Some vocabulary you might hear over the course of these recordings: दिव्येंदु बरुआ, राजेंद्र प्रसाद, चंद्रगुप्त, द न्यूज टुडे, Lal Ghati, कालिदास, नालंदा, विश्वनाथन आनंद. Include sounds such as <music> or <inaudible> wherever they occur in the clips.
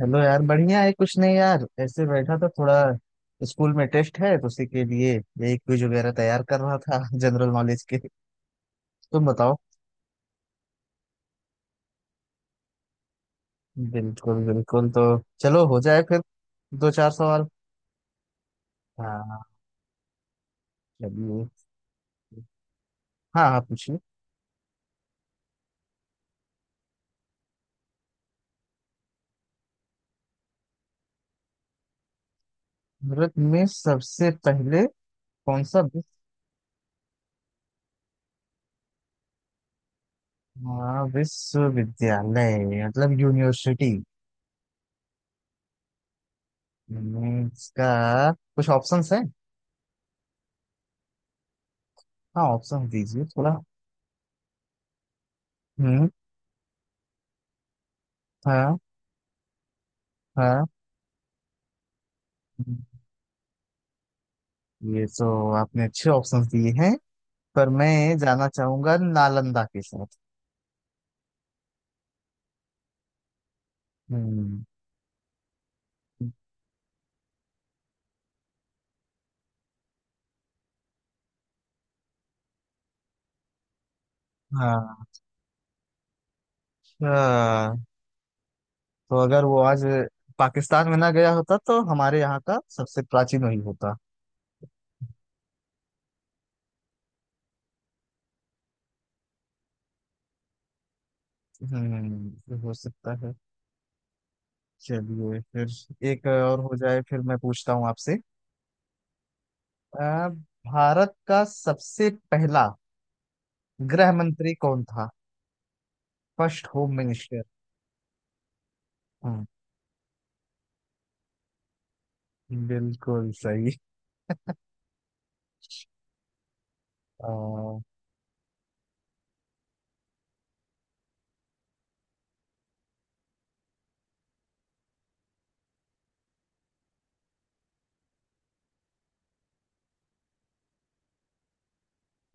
Hello यार, बढ़िया है। कुछ नहीं यार, ऐसे बैठा था। थोड़ा स्कूल में टेस्ट है तो उसी के लिए यही क्विज वगैरह तैयार कर रहा था <laughs> जनरल नॉलेज के। तुम बताओ। बिल्कुल बिल्कुल, तो चलो हो जाए फिर। दो चार सवाल। हाँ। चलिए। हाँ हाँ, पूछिए। भारत में सबसे पहले कौन सा हाँ, विश्वविद्यालय मतलब यूनिवर्सिटी। इसका कुछ ऑप्शंस है। हाँ, ऑप्शन दीजिए थोड़ा। हम्म। हाँ। हाँ। हम्म। ये तो आपने अच्छे ऑप्शंस दिए हैं, पर मैं जाना चाहूंगा नालंदा के साथ। हम्म। हाँ। अच्छा, तो अगर वो आज पाकिस्तान में ना गया होता तो हमारे यहाँ का सबसे प्राचीन वही होता। हम्म, ये हो सकता है। चलिए, फिर एक और हो जाए। फिर मैं पूछता हूँ आपसे। अ, भारत का सबसे पहला गृह मंत्री कौन था? First home minister. हम्म, बिल्कुल सही। अ,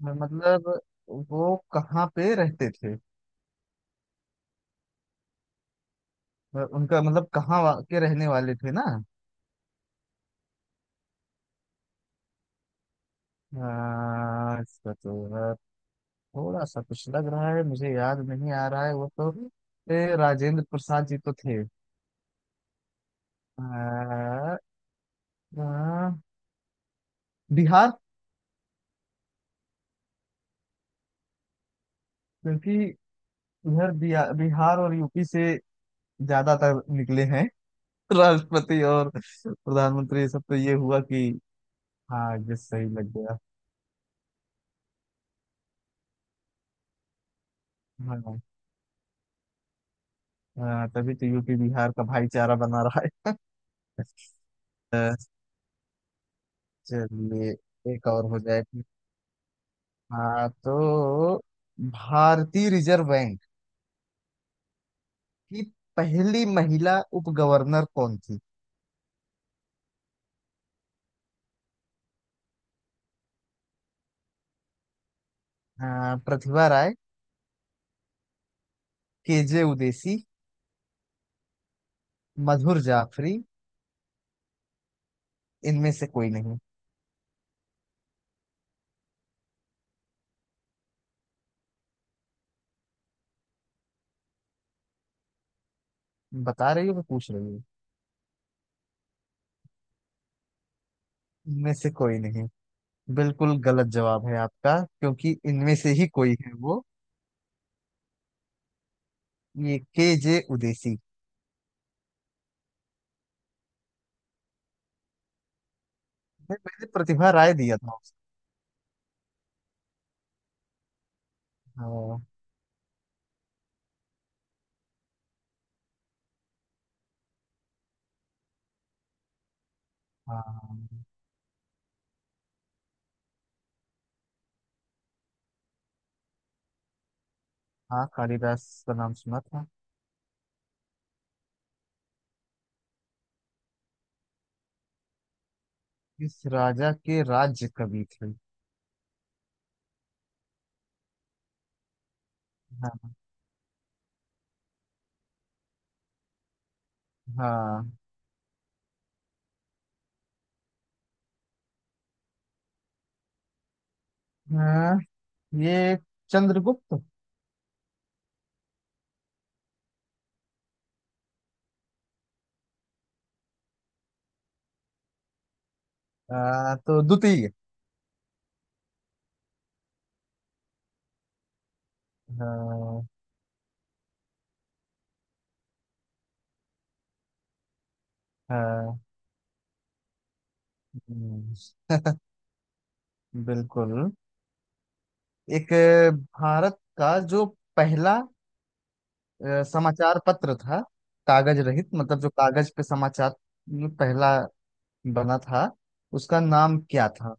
मतलब वो कहाँ पे रहते थे? उनका मतलब कहाँ के रहने वाले थे ना? इसका तो थोड़ा सा कुछ लग रहा है। मुझे याद नहीं आ रहा है वो तो। राजेंद्र प्रसाद जी तो थे। आ, आ, बिहार। क्योंकि इधर बिहार, बिहार और यूपी से ज्यादातर निकले हैं <laughs> राष्ट्रपति और प्रधानमंत्री, ये सब। तो ये हुआ कि। हाँ, ये सही लग गया। हाँ। हाँ, तभी तो यूपी बिहार का भाईचारा बना रहा है। चलिए, एक और हो जाए फिर। हाँ तो, भारतीय रिजर्व बैंक की पहली महिला उप गवर्नर कौन थी? हाँ, प्रतिभा राय, केजे उदेसी, मधुर जाफरी, इनमें से कोई नहीं। बता रही हो, मैं पूछ रही हूँ। इनमें से कोई नहीं? बिल्कुल गलत जवाब है आपका, क्योंकि इनमें से ही कोई है वो। ये के जे उदेसी। मैंने प्रतिभा राय दिया था उसको। हाँ। हाँ। हाँ, कालिदास का नाम सुना था। किस राजा के राज्य कवि थे? हाँ। हाँ। हाँ, ये चंद्रगुप्त। तो द्वितीय। हाँ। हाँ। हम्म, बिल्कुल। एक, भारत का जो पहला समाचार पत्र था, कागज रहित, मतलब जो कागज पे समाचार पहला बना था, उसका नाम क्या था?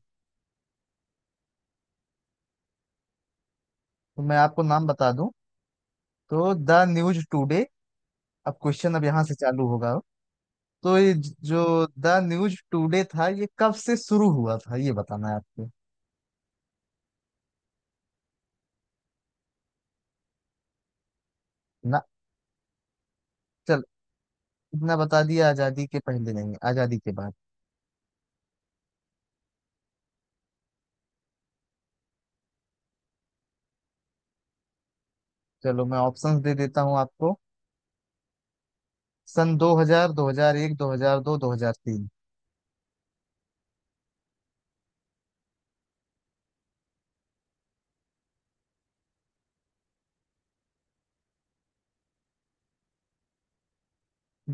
तो मैं आपको नाम बता दूं। तो द न्यूज टुडे। अब क्वेश्चन अब यहाँ से चालू होगा। तो ये जो द न्यूज टुडे था, ये कब से शुरू हुआ था, ये बताना है आपको। ना। चल, इतना बता दिया। आजादी के पहले नहीं, आजादी के बाद। चलो, मैं ऑप्शंस दे देता हूँ आपको। सन 2000, 2001, 2002, 2003।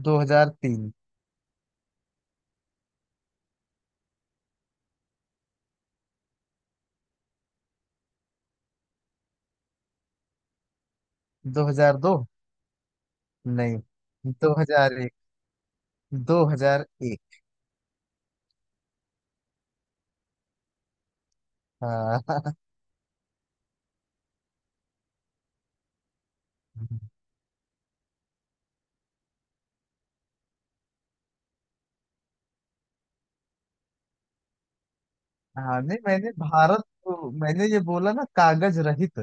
2003। 2002। नहीं, 2001। 2001। हाँ। <laughs> हाँ, नहीं मैंने भारत को मैंने ये बोला ना, कागज रहित।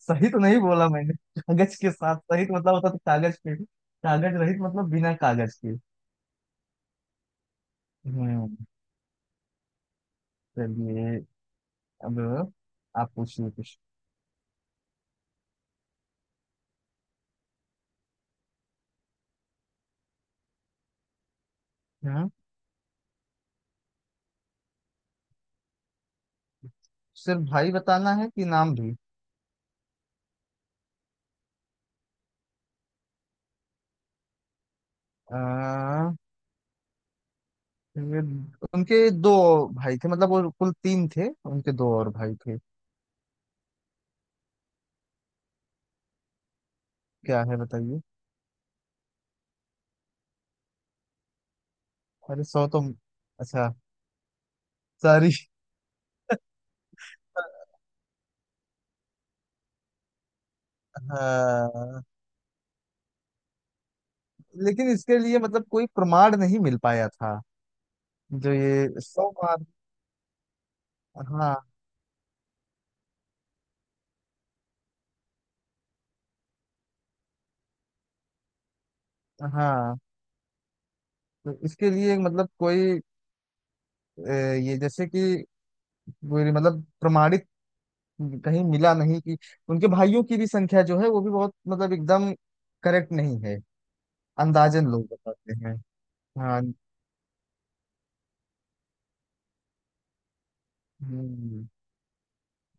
सही तो नहीं बोला मैंने। कागज के साथ सहित मतलब होता तो कागज पे। कागज रहित मतलब बिना कागज के। हम्म। चलिए, अब आप पूछिए कुछ। हाँ, सिर्फ भाई बताना है कि नाम भी? आ, ये उनके दो भाई थे, मतलब वो कुल तीन थे, उनके दो और भाई थे। क्या है, बताइए? अरे, 100 तो। अच्छा। सॉरी। <laughs> हाँ। लेकिन इसके लिए मतलब कोई प्रमाण नहीं मिल पाया था। जो ये 100 मार। हाँ। हाँ, तो इसके लिए मतलब कोई अ, ये जैसे कि कोई मतलब प्रमाणित कहीं मिला नहीं कि उनके भाइयों की भी संख्या जो है वो भी बहुत मतलब एकदम करेक्ट नहीं है। अंदाजन लोग बताते हैं। हाँ। हम्म,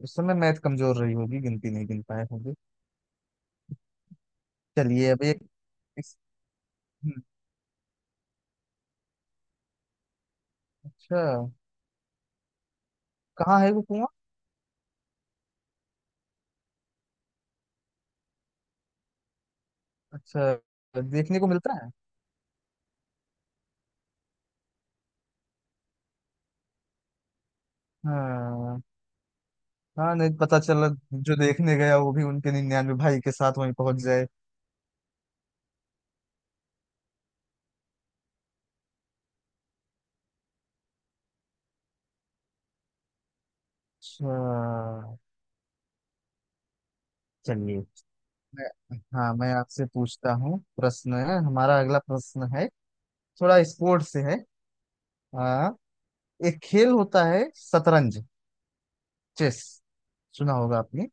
उस समय मैथ कमजोर रही होगी, गिनती नहीं गिन पाए होंगे। चलिए, अब ये इस- हम्म। अच्छा, कहाँ है वो कुआं? अच्छा। देखने को मिलता है? हाँ। हाँ, नहीं पता चला, जो देखने गया वो भी उनके 99 भाई के साथ वहीं पहुंच जाए। अच्छा। चलिए। हाँ, मैं आपसे पूछता हूँ। प्रश्न है, हमारा अगला प्रश्न है। थोड़ा स्पोर्ट से है। हाँ, एक खेल होता है शतरंज। चेस। सुना होगा आपने?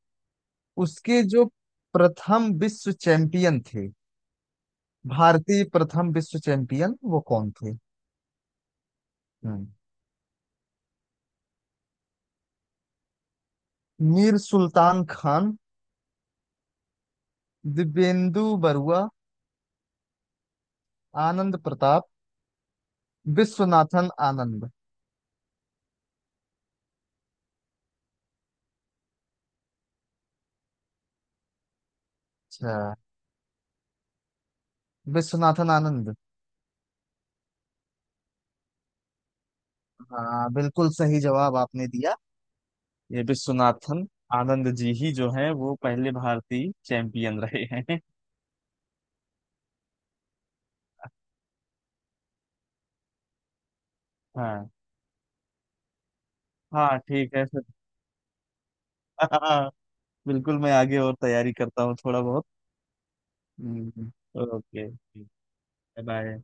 उसके जो प्रथम विश्व चैंपियन थे, भारतीय प्रथम विश्व चैंपियन, वो कौन थे? हम्म। मीर सुल्तान खान, दिव्येंदु बरुआ, आनंद प्रताप, विश्वनाथन आनंद। अच्छा। विश्वनाथन आनंद। हाँ, बिल्कुल सही जवाब आपने दिया। ये विश्वनाथन आनंद जी ही जो हैं, वो पहले भारतीय चैंपियन रहे हैं। हाँ। हाँ, ठीक है फिर। <laughs> हाँ, बिल्कुल। मैं आगे और तैयारी करता हूँ थोड़ा बहुत। हम्म। Okay, bye. बाय।